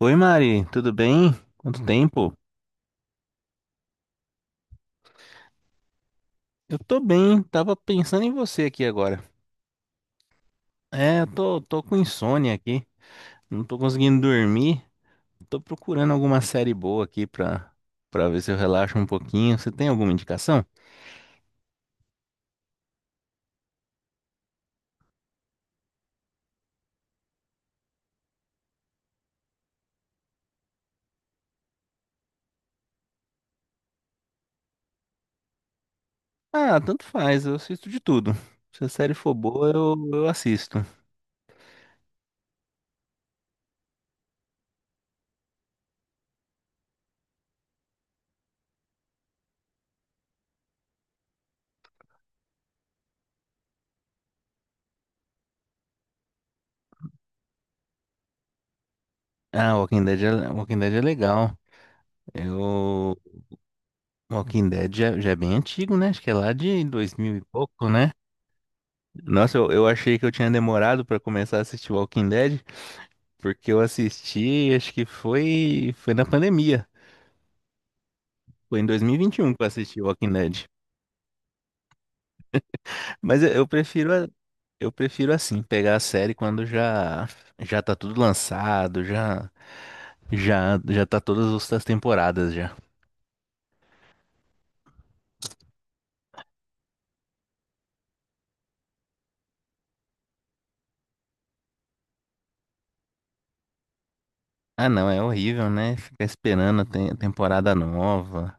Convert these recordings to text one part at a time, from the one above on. Oi, Mari, tudo bem? Quanto tempo? Eu tô bem, tava pensando em você aqui agora. Eu tô com insônia aqui, não tô conseguindo dormir. Tô procurando alguma série boa aqui pra ver se eu relaxo um pouquinho. Você tem alguma indicação? Ah, tanto faz, eu assisto de tudo. Se a série for boa, eu assisto. Ah, Walking Dead é legal. Eu, Walking Dead já é bem antigo, né? Acho que é lá de dois mil e pouco, né? Nossa, eu achei que eu tinha demorado pra começar a assistir Walking Dead, porque eu assisti, acho que foi na pandemia. Foi em 2021 que eu assisti Walking Dead. Mas eu prefiro, eu prefiro assim, pegar a série quando já já tá tudo lançado, já já tá as temporadas já. Ah, não, é horrível, né? Ficar esperando a temporada nova.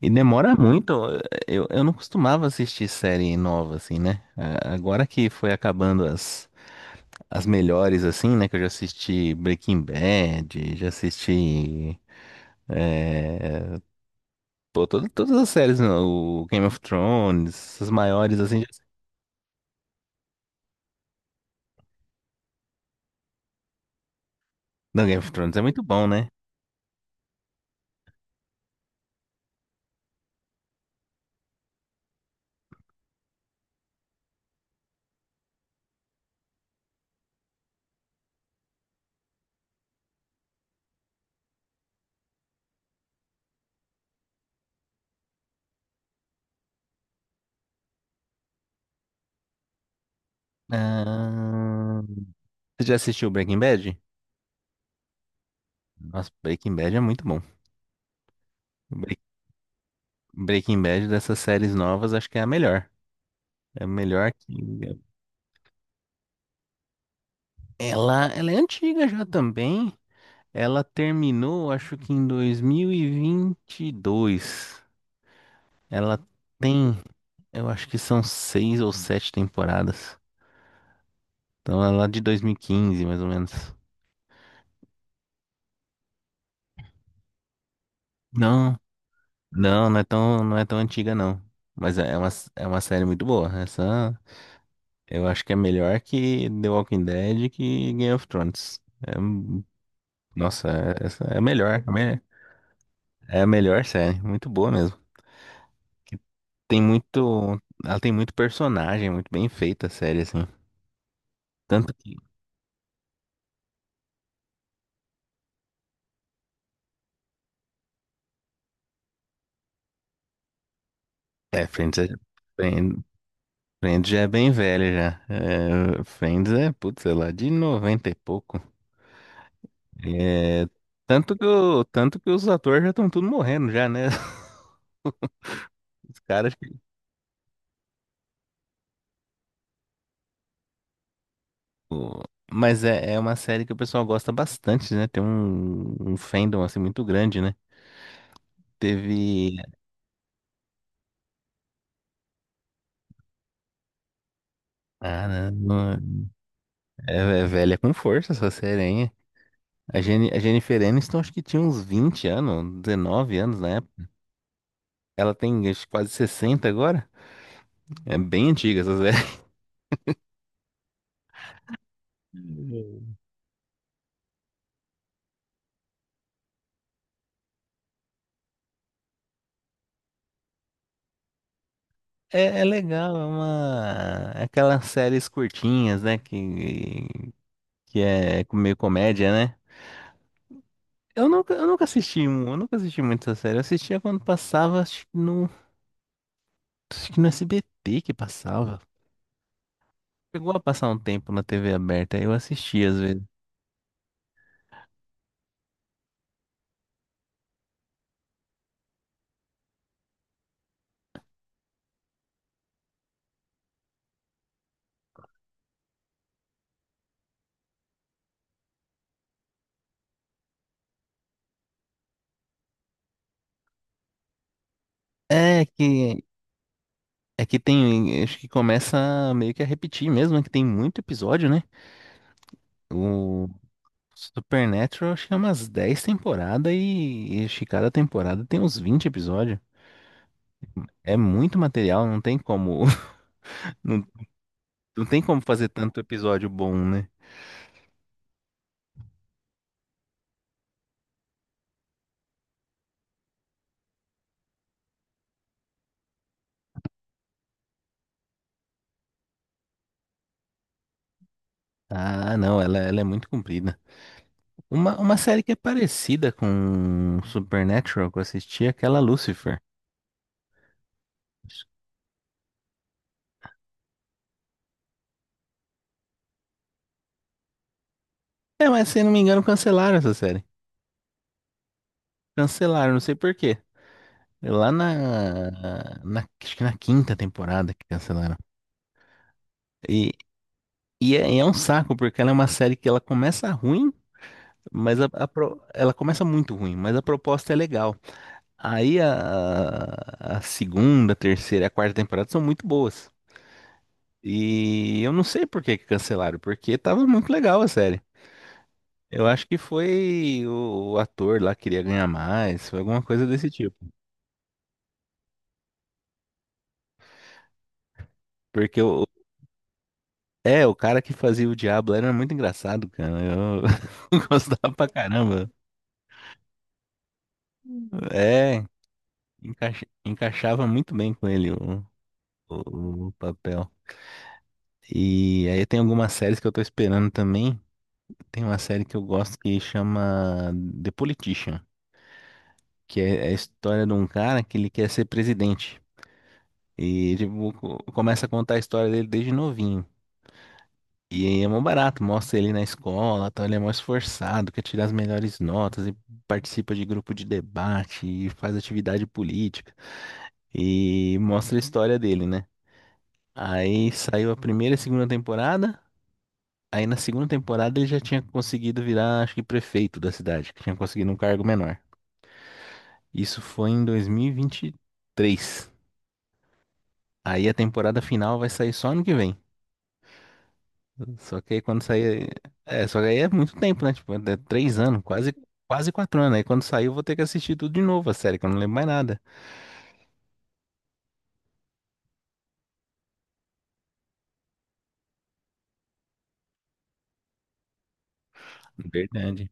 E demora muito. Eu não costumava assistir série nova assim, né? Ah, agora que foi acabando as as melhores, assim, né? Que eu já assisti Breaking Bad, já assisti. É, pô, todas as séries, né, o Game of Thrones, as maiores, assim. Não, Game of Thrones é muito bom, né? Ah, você já assistiu Breaking Bad? Nossa, Breaking Bad é muito bom. Bre- Breaking Bad dessas séries novas, acho que é a melhor. É a melhor que. Ela é antiga já também. Ela terminou, acho que em 2022. Ela tem. Eu acho que são seis ou sete temporadas. Então é lá de 2015, mais ou menos. Não, não, não é tão antiga, não. Mas é uma, é uma série muito boa. Essa eu acho que é melhor que The Walking Dead e que Game of Thrones. É, nossa, essa é a melhor. É a melhor série. Muito boa mesmo. Que tem muito. Ela tem muito personagem, muito bem feita a série, assim. Tanto que. É, Friends é, Friends já é bem velho já. É, Friends é, putz, sei lá, de 90 e pouco. É, tanto que os atores já estão tudo morrendo já, né? Os caras que... o- Mas é uma série que o pessoal gosta bastante, né? Tem um fandom, assim, muito grande, né? Teve... Caramba, é velha com força essa série, hein? A Jennifer Aniston acho que tinha uns 20 anos, 19 anos na época. Ela tem acho, que, quase 60 agora. É bem antiga essa série. É, é legal, é uma aquelas séries curtinhas, né? Que é meio comédia, né? Eu nunca assisti, eu nunca assisti muito essa série. Eu assistia quando passava, acho que no SBT que passava. Chegou a passar um tempo na TV aberta, aí eu assistia às vezes. É que é que tem, acho que começa meio que a repetir mesmo, é que tem muito episódio, né? O Supernatural acho que é umas 10 temporadas e acho que cada temporada tem uns 20 episódios. É muito material, não tem como, não, não tem como fazer tanto episódio bom, né? Ah, não, ela é muito comprida. Uma série que é parecida com Supernatural que eu assisti, é aquela Lucifer. É, mas se eu não me engano, cancelaram essa série. Cancelaram, não sei por quê. É acho que na quinta temporada que cancelaram. E, e é, é um saco, porque ela é uma série que ela começa ruim, mas ela começa muito ruim, mas a proposta é legal. Aí a, a segunda, terceira e a quarta temporada são muito boas. E eu não sei por que que cancelaram, porque tava muito legal a série. Eu acho que foi o ator lá que queria ganhar mais, foi alguma coisa desse tipo. Porque o cara que fazia o Diablo era muito engraçado, cara. Eu gostava pra caramba. É, encaixava muito bem com ele o papel. E aí tem algumas séries que eu tô esperando também. Tem uma série que eu gosto que chama The Politician, que é a história de um cara que ele quer ser presidente. E tipo, começa a contar a história dele desde novinho. E aí é mó barato, mostra ele na escola, tal, ele é mó esforçado, quer tirar as melhores notas e participa de grupo de debate e faz atividade política. E mostra a história dele, né? Aí saiu a primeira e a segunda temporada. Aí na segunda temporada ele já tinha conseguido virar, acho que prefeito da cidade, que tinha conseguido um cargo menor. Isso foi em 2023. Aí a temporada final vai sair só ano que vem. Só que aí quando sair. É, só que aí é muito tempo, né? Tipo, é três anos, quase, quase quatro anos. Aí quando sair eu vou ter que assistir tudo de novo a série, que eu não lembro mais nada. Verdade.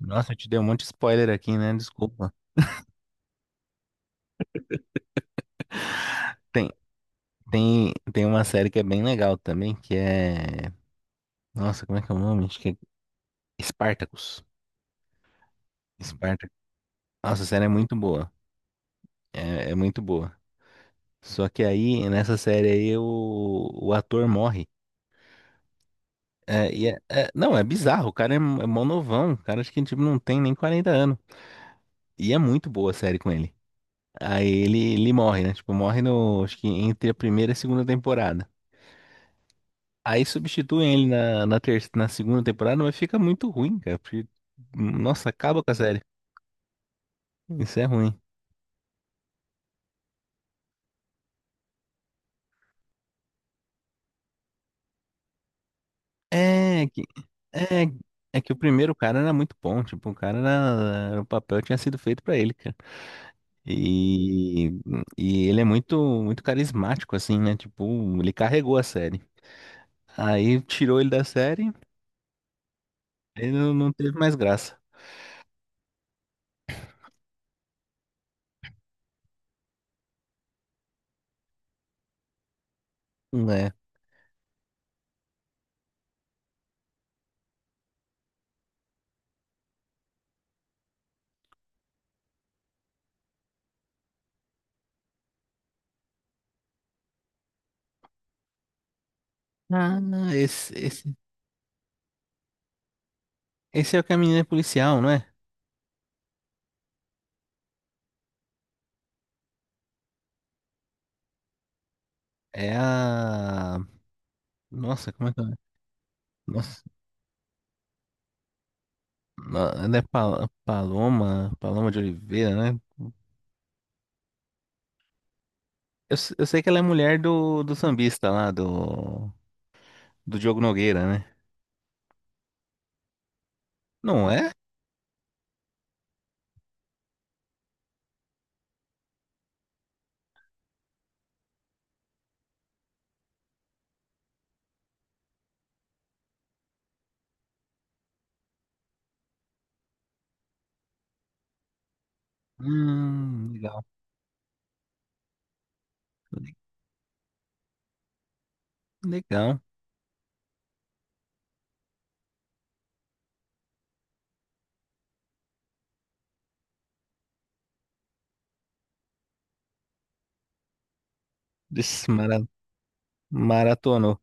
Nossa, eu te dei um monte de spoiler aqui, né? Desculpa. Tem, tem uma série que é bem legal também, que é. Nossa, como é que é o nome? Acho que é Spartacus. Spartacus. Nossa, a série é muito boa. É, é muito boa. Só que aí, nessa série aí, o ator morre. É, e não, é bizarro. O cara é, é mó novão. O cara acho que tipo, não tem nem 40 anos. E é muito boa a série com ele. Aí ele morre, né? Tipo, morre no, acho que entre a primeira e a segunda temporada. Aí substituem ele na segunda temporada, mas fica muito ruim, cara. Porque, nossa, acaba com a série. Isso é ruim. É que, é, é que o primeiro cara era muito bom. Tipo, o cara era, o papel tinha sido feito pra ele, cara. E, e ele é muito, muito carismático, assim, né? Tipo, ele carregou a série. Aí tirou ele da série, ele não, não teve mais graça. É. Ah, não, esse é o que a menina é policial, não é? É a. Nossa, como é que é? Nossa, Paloma, Paloma de Oliveira, né? Eu, eu sei que ela é mulher do, do sambista lá, do Diogo Nogueira, né? Não é? Legal. Le- Legal. Maratonou.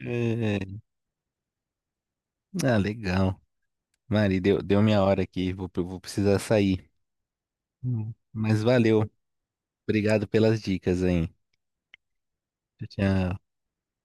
É, Ah, legal. Mari, deu minha hora aqui. Vou precisar sair. Hum. Mas valeu. Obrigado pelas dicas aí. Tchau.